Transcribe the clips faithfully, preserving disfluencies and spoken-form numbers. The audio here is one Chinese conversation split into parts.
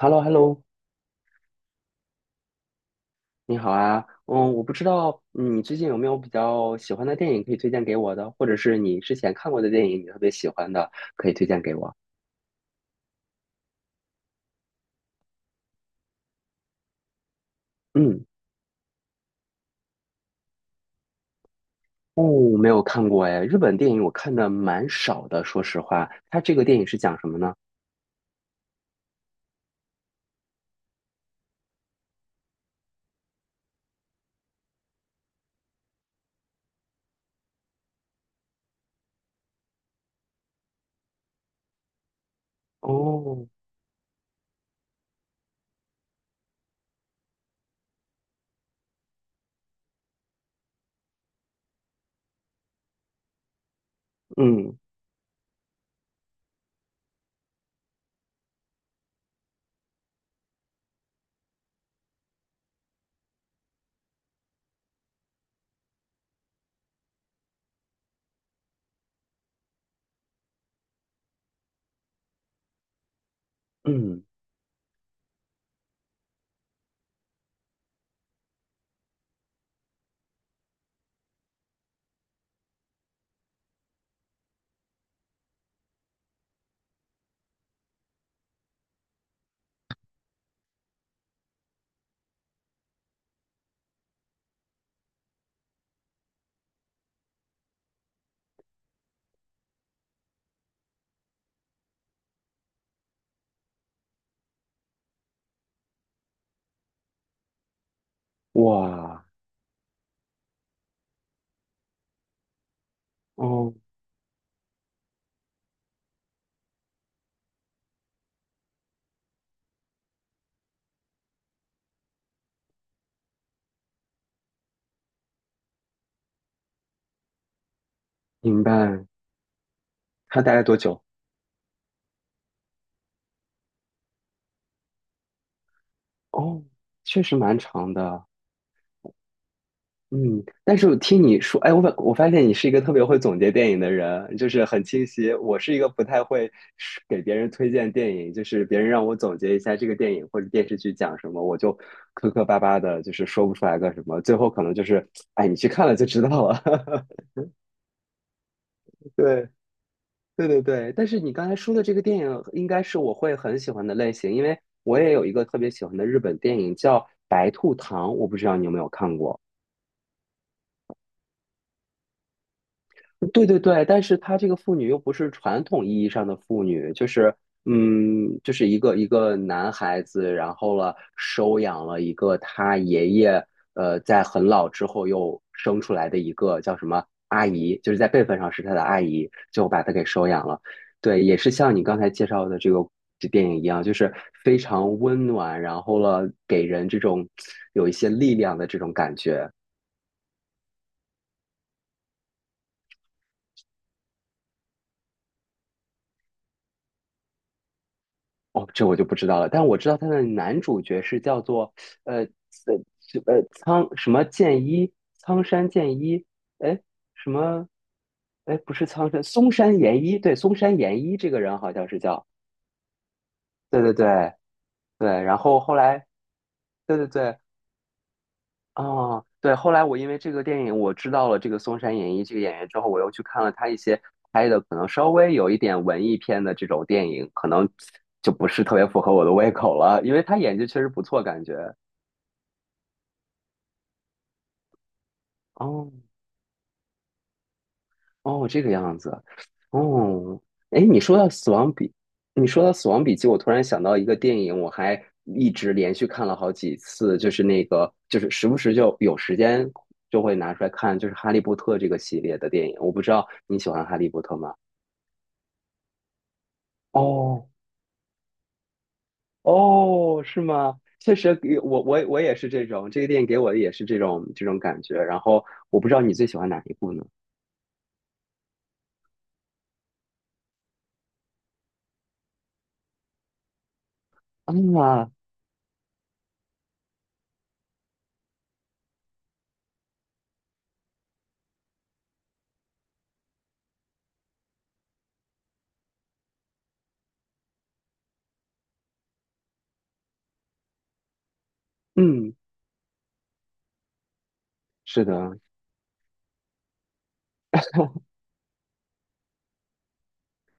h e l l o h e l l o 你好啊，嗯，我不知道，嗯，你最近有没有比较喜欢的电影可以推荐给我的，或者是你之前看过的电影你特别喜欢的，可以推荐给我。嗯。哦，没有看过哎，日本电影我看的蛮少的，说实话。它这个电影是讲什么呢？哦，嗯嗯。哇。哦，明白。它大概多久？哦，确实蛮长的。嗯，但是我听你说，哎，我发我发现你是一个特别会总结电影的人，就是很清晰。我是一个不太会是给别人推荐电影，就是别人让我总结一下这个电影或者电视剧讲什么，我就磕磕巴巴的，就是说不出来个什么，最后可能就是，哎，你去看了就知道了。对对对对，但是你刚才说的这个电影应该是我会很喜欢的类型，因为我也有一个特别喜欢的日本电影叫《白兔糖》，我不知道你有没有看过。对对对，但是她这个妇女又不是传统意义上的妇女，就是，嗯，就是一个一个男孩子，然后了收养了一个他爷爷，呃，在很老之后又生出来的一个叫什么阿姨，就是在辈分上是他的阿姨，就把他给收养了。对，也是像你刚才介绍的这个这电影一样，就是非常温暖，然后了给人这种有一些力量的这种感觉。哦，这我就不知道了，但我知道他的男主角是叫做呃呃呃苍什么剑一，苍山剑一，哎什么，哎不是苍山，松山研一，对，松山研一这个人好像是叫，对对对对，然后后来，对对对。哦，对，后来我因为这个电影，我知道了这个松山演一这个演员之后，我又去看了他一些拍的可能稍微有一点文艺片的这种电影，可能就不是特别符合我的胃口了，因为他演技确实不错，感觉。哦。哦，这个样子。哦，哎，你说到《死亡笔》，你说到《死亡笔记》，我突然想到一个电影，我还一直连续看了好几次，就是那个，就是时不时就有时间就会拿出来看，就是《哈利波特》这个系列的电影。我不知道你喜欢《哈利波特》吗？哦。哦，是吗？确实给我我我也是这种，这个电影给我的也是这种这种感觉。然后我不知道你最喜欢哪一部呢？啊。嗯。是的，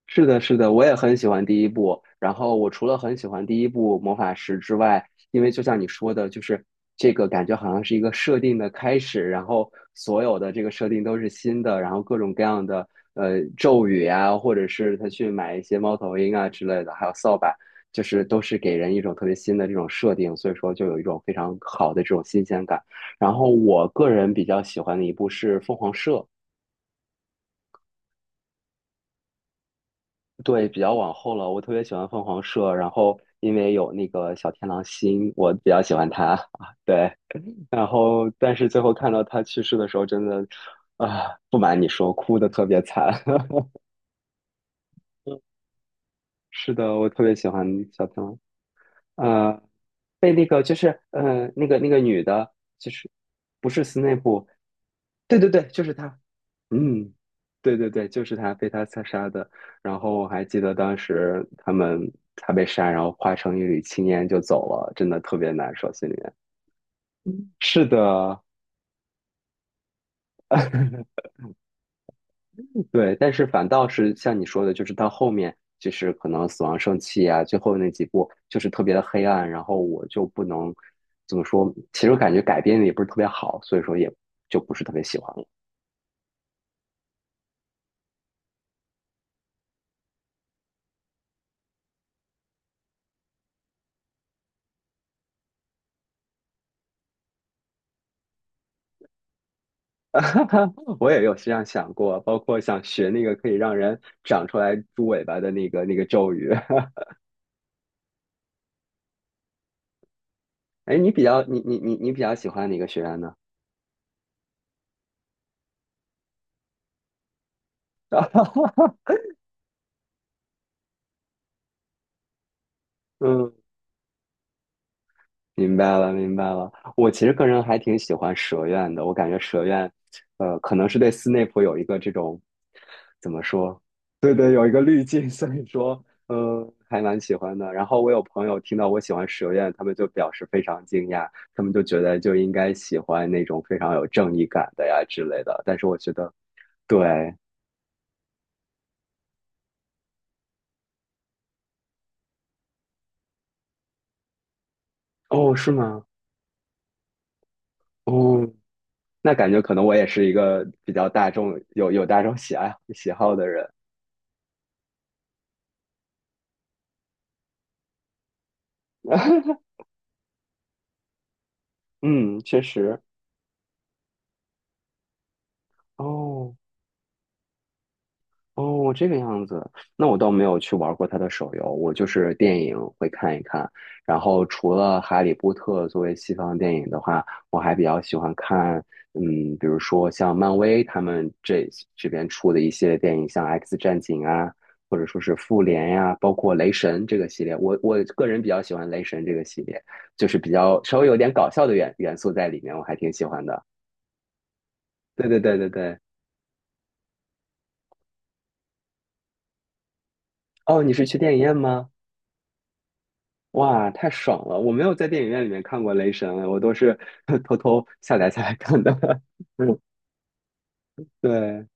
是的，是的，我也很喜欢第一部。然后我除了很喜欢第一部《魔法石》之外，因为就像你说的，就是这个感觉好像是一个设定的开始，然后所有的这个设定都是新的，然后各种各样的呃咒语啊，或者是他去买一些猫头鹰啊之类的，还有扫把，就是都是给人一种特别新的这种设定，所以说就有一种非常好的这种新鲜感。然后我个人比较喜欢的一部是《凤凰社》。对，比较往后了。我特别喜欢凤凰社，然后因为有那个小天狼星，我比较喜欢他啊对，然后但是最后看到他去世的时候，真的，啊，不瞒你说，哭的特别惨。是的，我特别喜欢小天狼，呃，被那个就是呃那个那个女的，就是，不是斯内普，对对对，就是她。嗯，对对对，就是他被他刺杀的。然后我还记得当时他们他被杀，然后化成一缕青烟就走了，真的特别难受，心里面。嗯是的。对，但是反倒是像你说的，就是到后面，就是可能死亡圣器啊，最后那几部就是特别的黑暗，然后我就不能怎么说，其实我感觉改编的也不是特别好，所以说也就不是特别喜欢。我也有这样想过，包括想学那个可以让人长出来猪尾巴的那个那个咒语。哎，你比较你你你你比较喜欢哪个学员呢？嗯明白了，明白了。我其实个人还挺喜欢蛇院的，我感觉蛇院，呃，可能是对斯内普有一个这种，怎么说？对对，有一个滤镜，所以说，嗯、还蛮喜欢的。然后我有朋友听到我喜欢蛇院，他们就表示非常惊讶，他们就觉得就应该喜欢那种非常有正义感的呀之类的。但是我觉得，对。哦，是吗？哦，那感觉可能我也是一个比较大众，有有大众喜爱喜好的人。嗯，确实。哦。哦，这个样子，那我倒没有去玩过他的手游，我就是电影会看一看。然后除了《哈利波特》作为西方电影的话，我还比较喜欢看，嗯，比如说像漫威他们这这边出的一些电影，像《X 战警》啊，或者说是《复联》呀，包括《雷神》这个系列。我我个人比较喜欢《雷神》这个系列，就是比较稍微有点搞笑的元元素在里面，我还挺喜欢的。对对对对对。哦，你是去电影院吗？哇，太爽了！我没有在电影院里面看过《雷神》，我都是 偷偷下载下来看的。嗯，对。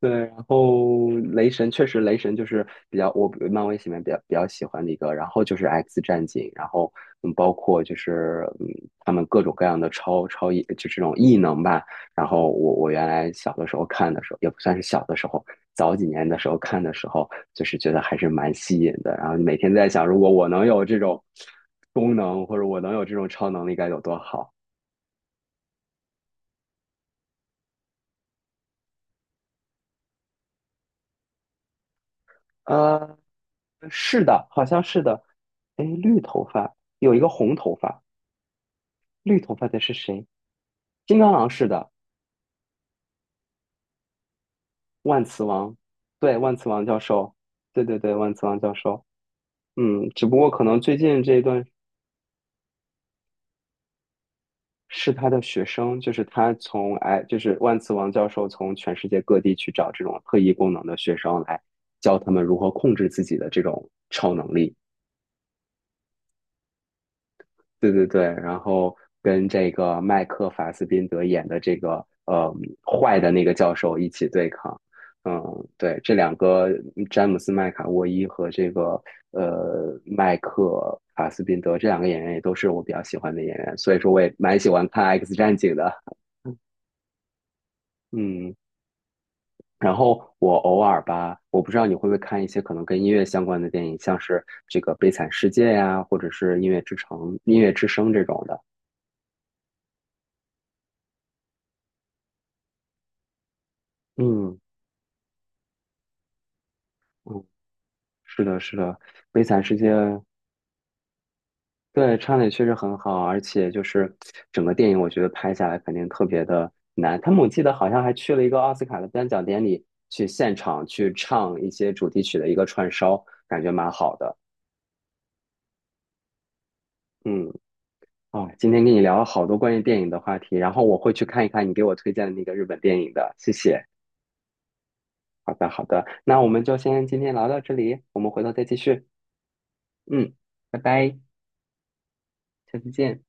对，然后雷神确实，雷神就是比较我漫威里面比较比较喜欢的一个，然后就是 X 战警，然后嗯，包括就是，嗯，他们各种各样的超超异，就这种异能吧。然后我我原来小的时候看的时候，也不算是小的时候，早几年的时候看的时候，就是觉得还是蛮吸引的。然后每天在想，如果我能有这种功能，或者我能有这种超能力该有多好。呃，是的，好像是的。哎，绿头发有一个红头发，绿头发的是谁？金刚狼是的，万磁王，对，万磁王教授，对对对，万磁王教授。嗯，只不过可能最近这一段是他的学生，就是他从哎，就是万磁王教授从全世界各地去找这种特异功能的学生来教他们如何控制自己的这种超能力。对对对，然后跟这个麦克法斯宾德演的这个呃坏的那个教授一起对抗。嗯，对，这两个詹姆斯麦卡沃伊和这个呃麦克法斯宾德这两个演员也都是我比较喜欢的演员，所以说我也蛮喜欢看《X 战警》的。嗯，然后我偶尔吧，我不知道你会不会看一些可能跟音乐相关的电影，像是这个《悲惨世界》呀，或者是《音乐之城》《音乐之声》这种的。嗯。是的，是的，《悲惨世界》对唱的也确实很好，而且就是整个电影，我觉得拍下来肯定特别的难。他们我记得好像还去了一个奥斯卡的颁奖典礼，去现场去唱一些主题曲的一个串烧，感觉蛮好的。嗯。啊，今天跟你聊了好多关于电影的话题，然后我会去看一看你给我推荐的那个日本电影的，谢谢。好的，好的，那我们就先今天聊到这里，我们回头再继续。嗯，拜拜，下次见。